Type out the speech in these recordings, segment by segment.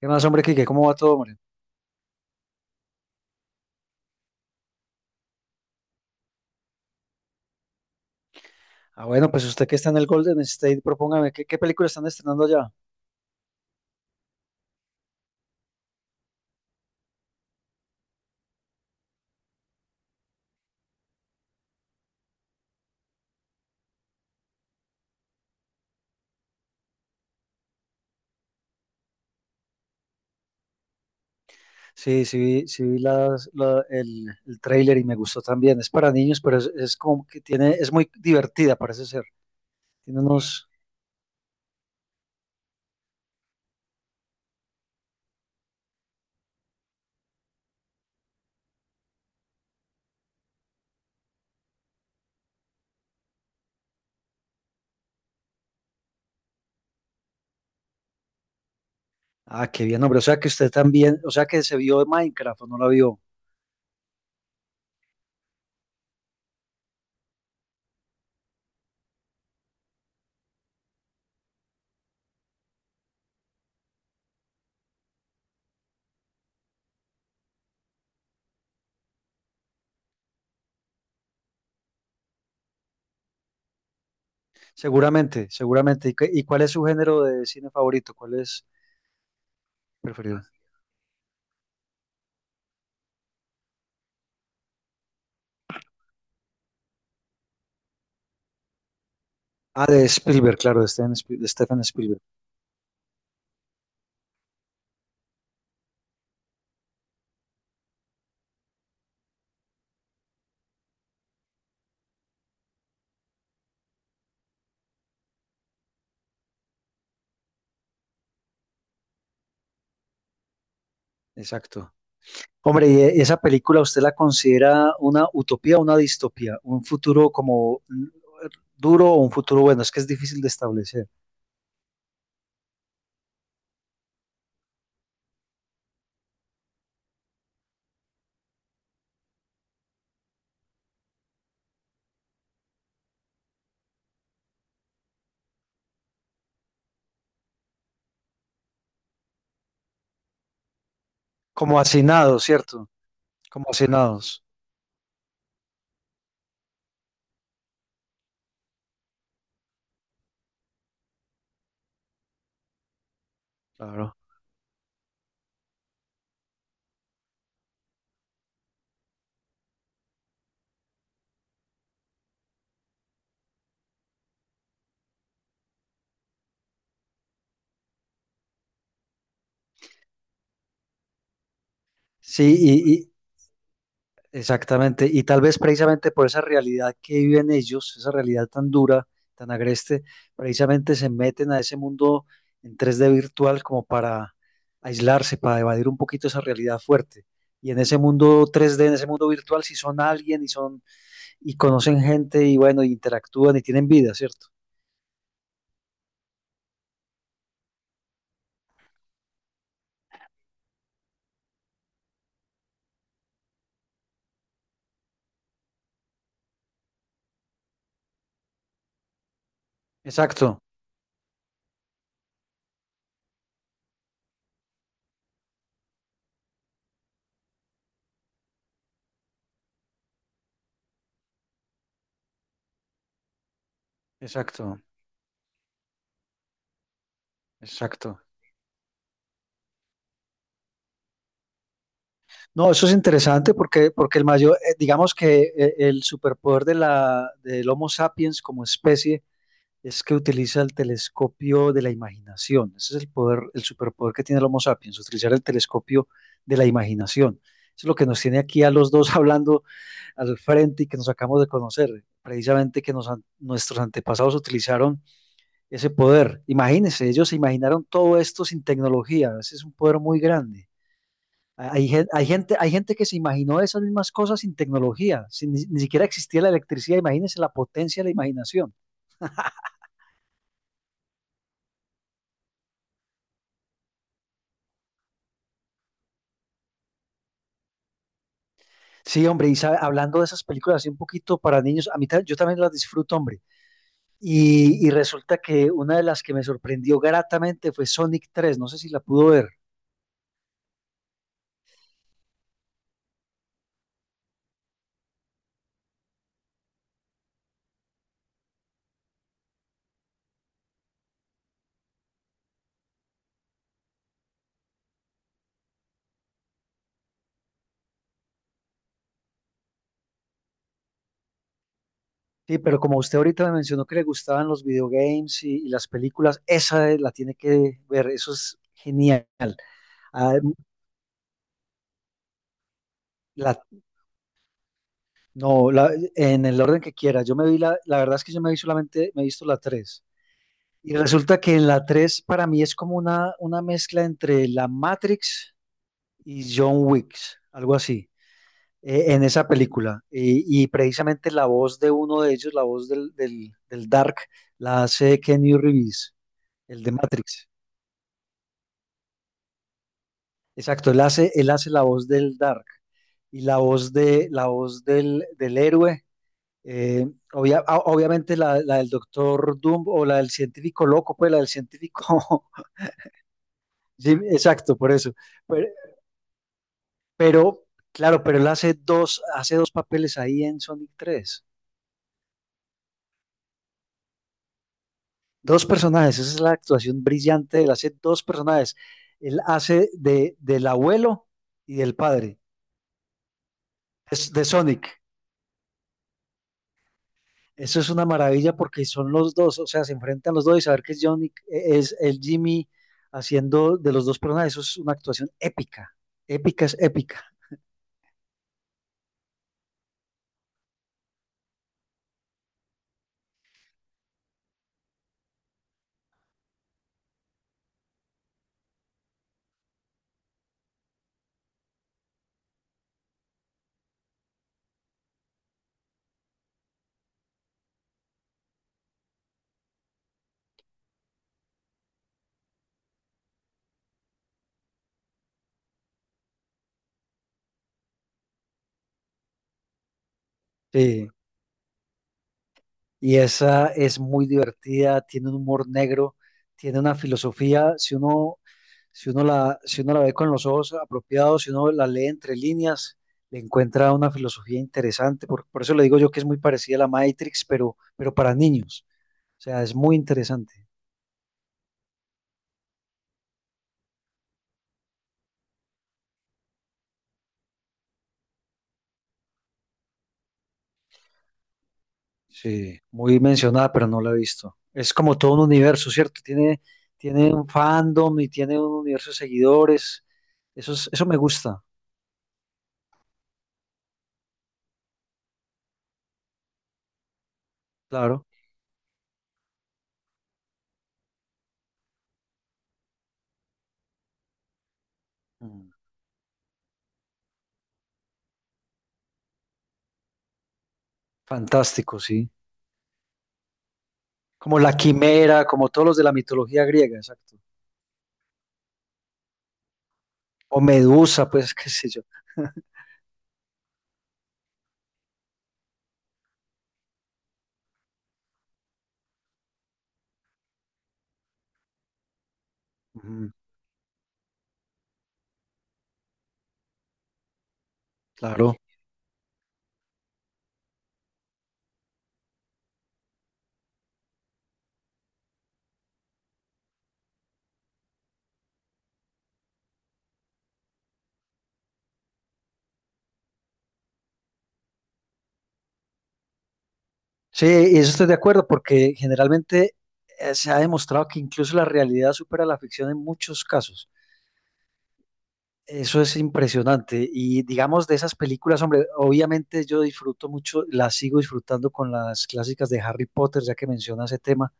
¿Qué más, hombre, Kike? ¿Cómo va todo, hombre? Ah, bueno, pues usted que está en el Golden State, propóngame, ¿qué, qué película están estrenando allá? Sí, sí, vi el tráiler y me gustó también. Es para niños, pero es como que tiene, es muy divertida, parece ser. Tiene unos... Ah, qué bien, hombre. O sea que usted también, o sea que se vio de Minecraft o no la vio. Seguramente, seguramente. ¿Y, cuál es su género de cine favorito? ¿Cuál es preferido? Ah, de Spielberg, claro, de Stephen Spielberg. Exacto. Hombre, ¿y esa película usted la considera una utopía o una distopía? ¿Un futuro como duro o un futuro bueno? Es que es difícil de establecer. Como hacinados, ¿cierto? Como hacinados. Claro. Sí, exactamente. Y tal vez precisamente por esa realidad que viven ellos, esa realidad tan dura, tan agreste, precisamente se meten a ese mundo en 3D virtual como para aislarse, para evadir un poquito esa realidad fuerte. Y en ese mundo 3D, en ese mundo virtual, si son alguien y son y conocen gente y bueno, interactúan y tienen vida, ¿cierto? Exacto, exacto, exacto. No, eso es interesante porque, porque el mayor, digamos que el superpoder de del Homo sapiens como especie es que utiliza el telescopio de la imaginación. Ese es el poder, el superpoder que tiene el Homo sapiens, utilizar el telescopio de la imaginación. Eso es lo que nos tiene aquí a los dos hablando al frente y que nos acabamos de conocer. Precisamente que nuestros antepasados utilizaron ese poder. Imagínense, ellos se imaginaron todo esto sin tecnología, ese es un poder muy grande. Hay, hay gente que se imaginó esas mismas cosas sin tecnología, sin, ni siquiera existía la electricidad, imagínense la potencia de la imaginación. Sí, hombre, y sabe, hablando de esas películas así un poquito para niños, a yo también las disfruto, hombre. Y resulta que una de las que me sorprendió gratamente fue Sonic 3, no sé si la pudo ver. Sí, pero como usted ahorita me mencionó que le gustaban los videogames y las películas, esa la tiene que ver, eso es genial. Ah, la- no, en el orden que quiera. Yo me vi la verdad es que yo me vi solamente, me he visto la tres. Y resulta que en la 3 para mí es como una mezcla entre la Matrix y John Wick, algo así, en esa película. Y precisamente la voz de uno de ellos, la voz del Dark, la hace Kenny Reeves, el de Matrix. Exacto, él hace la voz del Dark. Y la voz de, la voz del héroe. Eh, obviamente la del Doctor Doom o la del científico loco, pues la del científico. Jim, exacto, por eso. Pero, pero, claro, pero él hace dos papeles ahí en Sonic tres. Dos personajes, esa es la actuación brillante de él, hace dos personajes. Él hace del abuelo y del padre, es de Sonic. Eso es una maravilla porque son los dos, o sea, se enfrentan los dos y saber que es Johnny, es el Jimmy haciendo de los dos personajes, eso es una actuación épica, épica es épica. Sí. Y esa es muy divertida, tiene un humor negro, tiene una filosofía, si uno, si uno la ve con los ojos apropiados, si uno la lee entre líneas, le encuentra una filosofía interesante, por eso le digo yo que es muy parecida a la Matrix, pero para niños, o sea, es muy interesante. Sí, muy mencionada, pero no la he visto. Es como todo un universo, ¿cierto? Tiene, tiene un fandom y tiene un universo de seguidores. Eso eso me gusta, claro. Mm, fantástico, sí. Como la quimera, como todos los de la mitología griega, exacto. O Medusa, pues, qué sé yo. Ujú, claro. Sí, y eso estoy de acuerdo, porque generalmente se ha demostrado que incluso la realidad supera la ficción en muchos casos. Eso es impresionante. Y digamos de esas películas, hombre, obviamente yo disfruto mucho, las sigo disfrutando con las clásicas de Harry Potter, ya que menciona ese tema.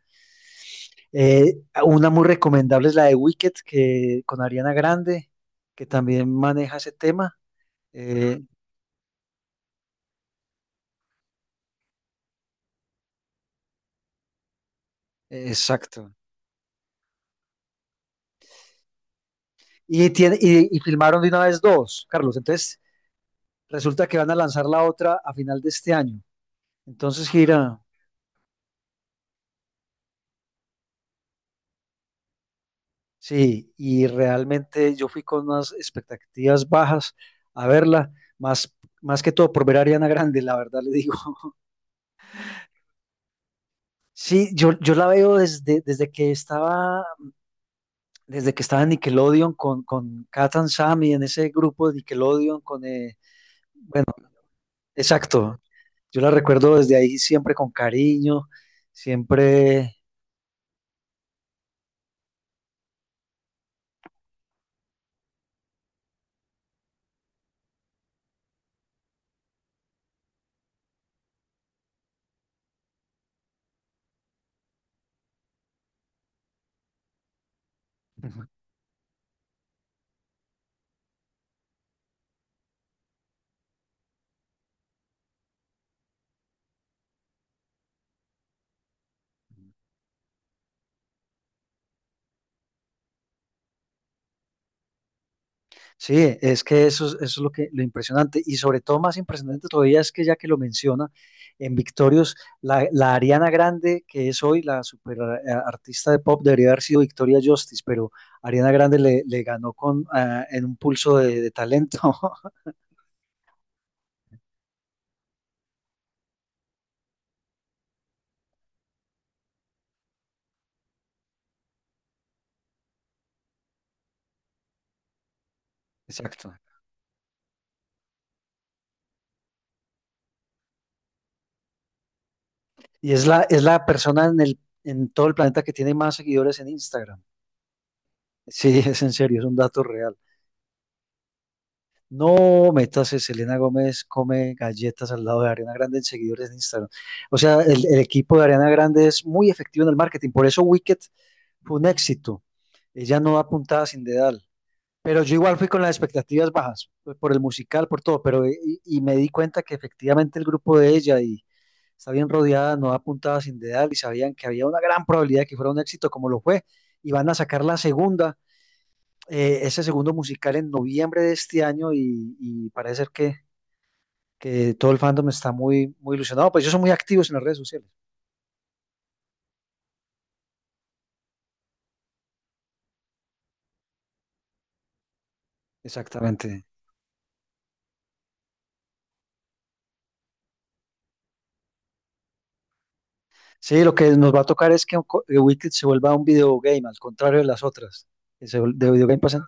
Eh, una muy recomendable es la de Wicked, que con Ariana Grande, que también maneja ese tema. Eh, exacto. Y, tiene, y filmaron de una vez dos, Carlos. Entonces, resulta que van a lanzar la otra a final de este año. Entonces, gira, sí, y realmente yo fui con unas expectativas bajas a verla, más, más que todo por ver a Ariana Grande, la verdad le digo. Sí, yo la veo desde, desde que estaba en Nickelodeon con Kat and Sammy, en ese grupo de Nickelodeon con exacto. Yo la recuerdo desde ahí siempre con cariño, siempre. Sí, es que eso, eso es lo que lo impresionante y sobre todo más impresionante todavía es que ya que lo menciona en Victorious, la Ariana Grande que es hoy la super artista de pop debería haber sido Victoria Justice, pero Ariana Grande le ganó con en un pulso de talento. Exacto. Y es la persona en el en todo el planeta que tiene más seguidores en Instagram. Sí, es en serio, es un dato real. No, métase, Selena Gómez come galletas al lado de Ariana Grande en seguidores de Instagram. O sea, el equipo de Ariana Grande es muy efectivo en el marketing, por eso Wicked fue un éxito. Ella no da puntada sin dedal, pero yo igual fui con las expectativas bajas, pues, por el musical, por todo, pero y me di cuenta que efectivamente el grupo de ella y está bien rodeada, no da puntada sin dedal y sabían que había una gran probabilidad de que fuera un éxito como lo fue y van a sacar la segunda ese segundo musical en noviembre de este año y parece ser que todo el fandom está muy, muy ilusionado, pues ellos son muy activos en las redes sociales. Exactamente. Sí, lo que nos va a tocar es que Wicked se vuelva un videogame, al contrario de las otras. Que de videogame pasan.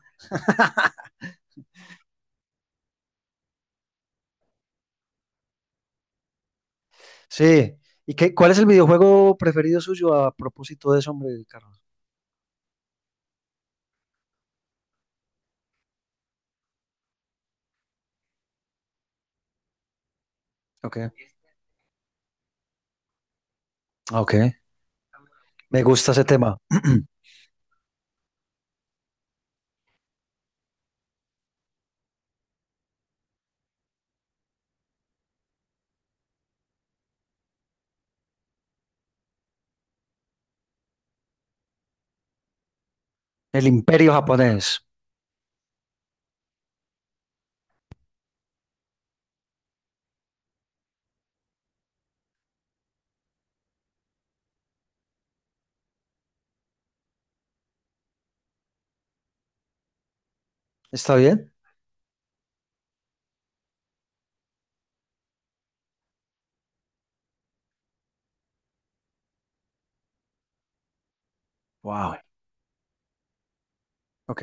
Sí. ¿Y qué, cuál es el videojuego preferido suyo a propósito de eso, hombre, Carlos? Ok. Ok. Me gusta ese tema. El Imperio Japonés. ¿Está bien? Wow. Ok.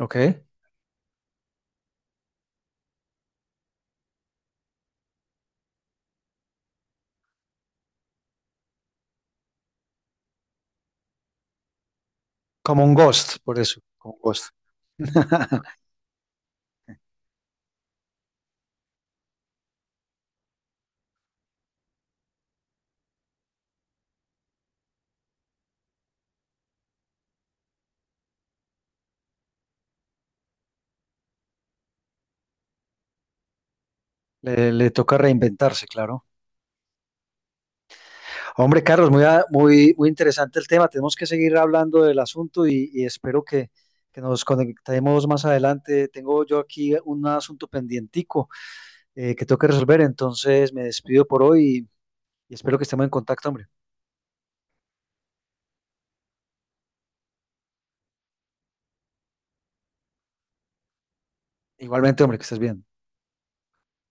Ok. Como un Ghost, por eso. Como un Ghost. Le toca reinventarse, claro. Hombre, Carlos, muy, muy, muy interesante el tema. Tenemos que seguir hablando del asunto y espero que nos conectemos más adelante. Tengo yo aquí un asunto pendientico que tengo que resolver, entonces me despido por hoy y espero que estemos en contacto, hombre. Igualmente, hombre, que estés bien.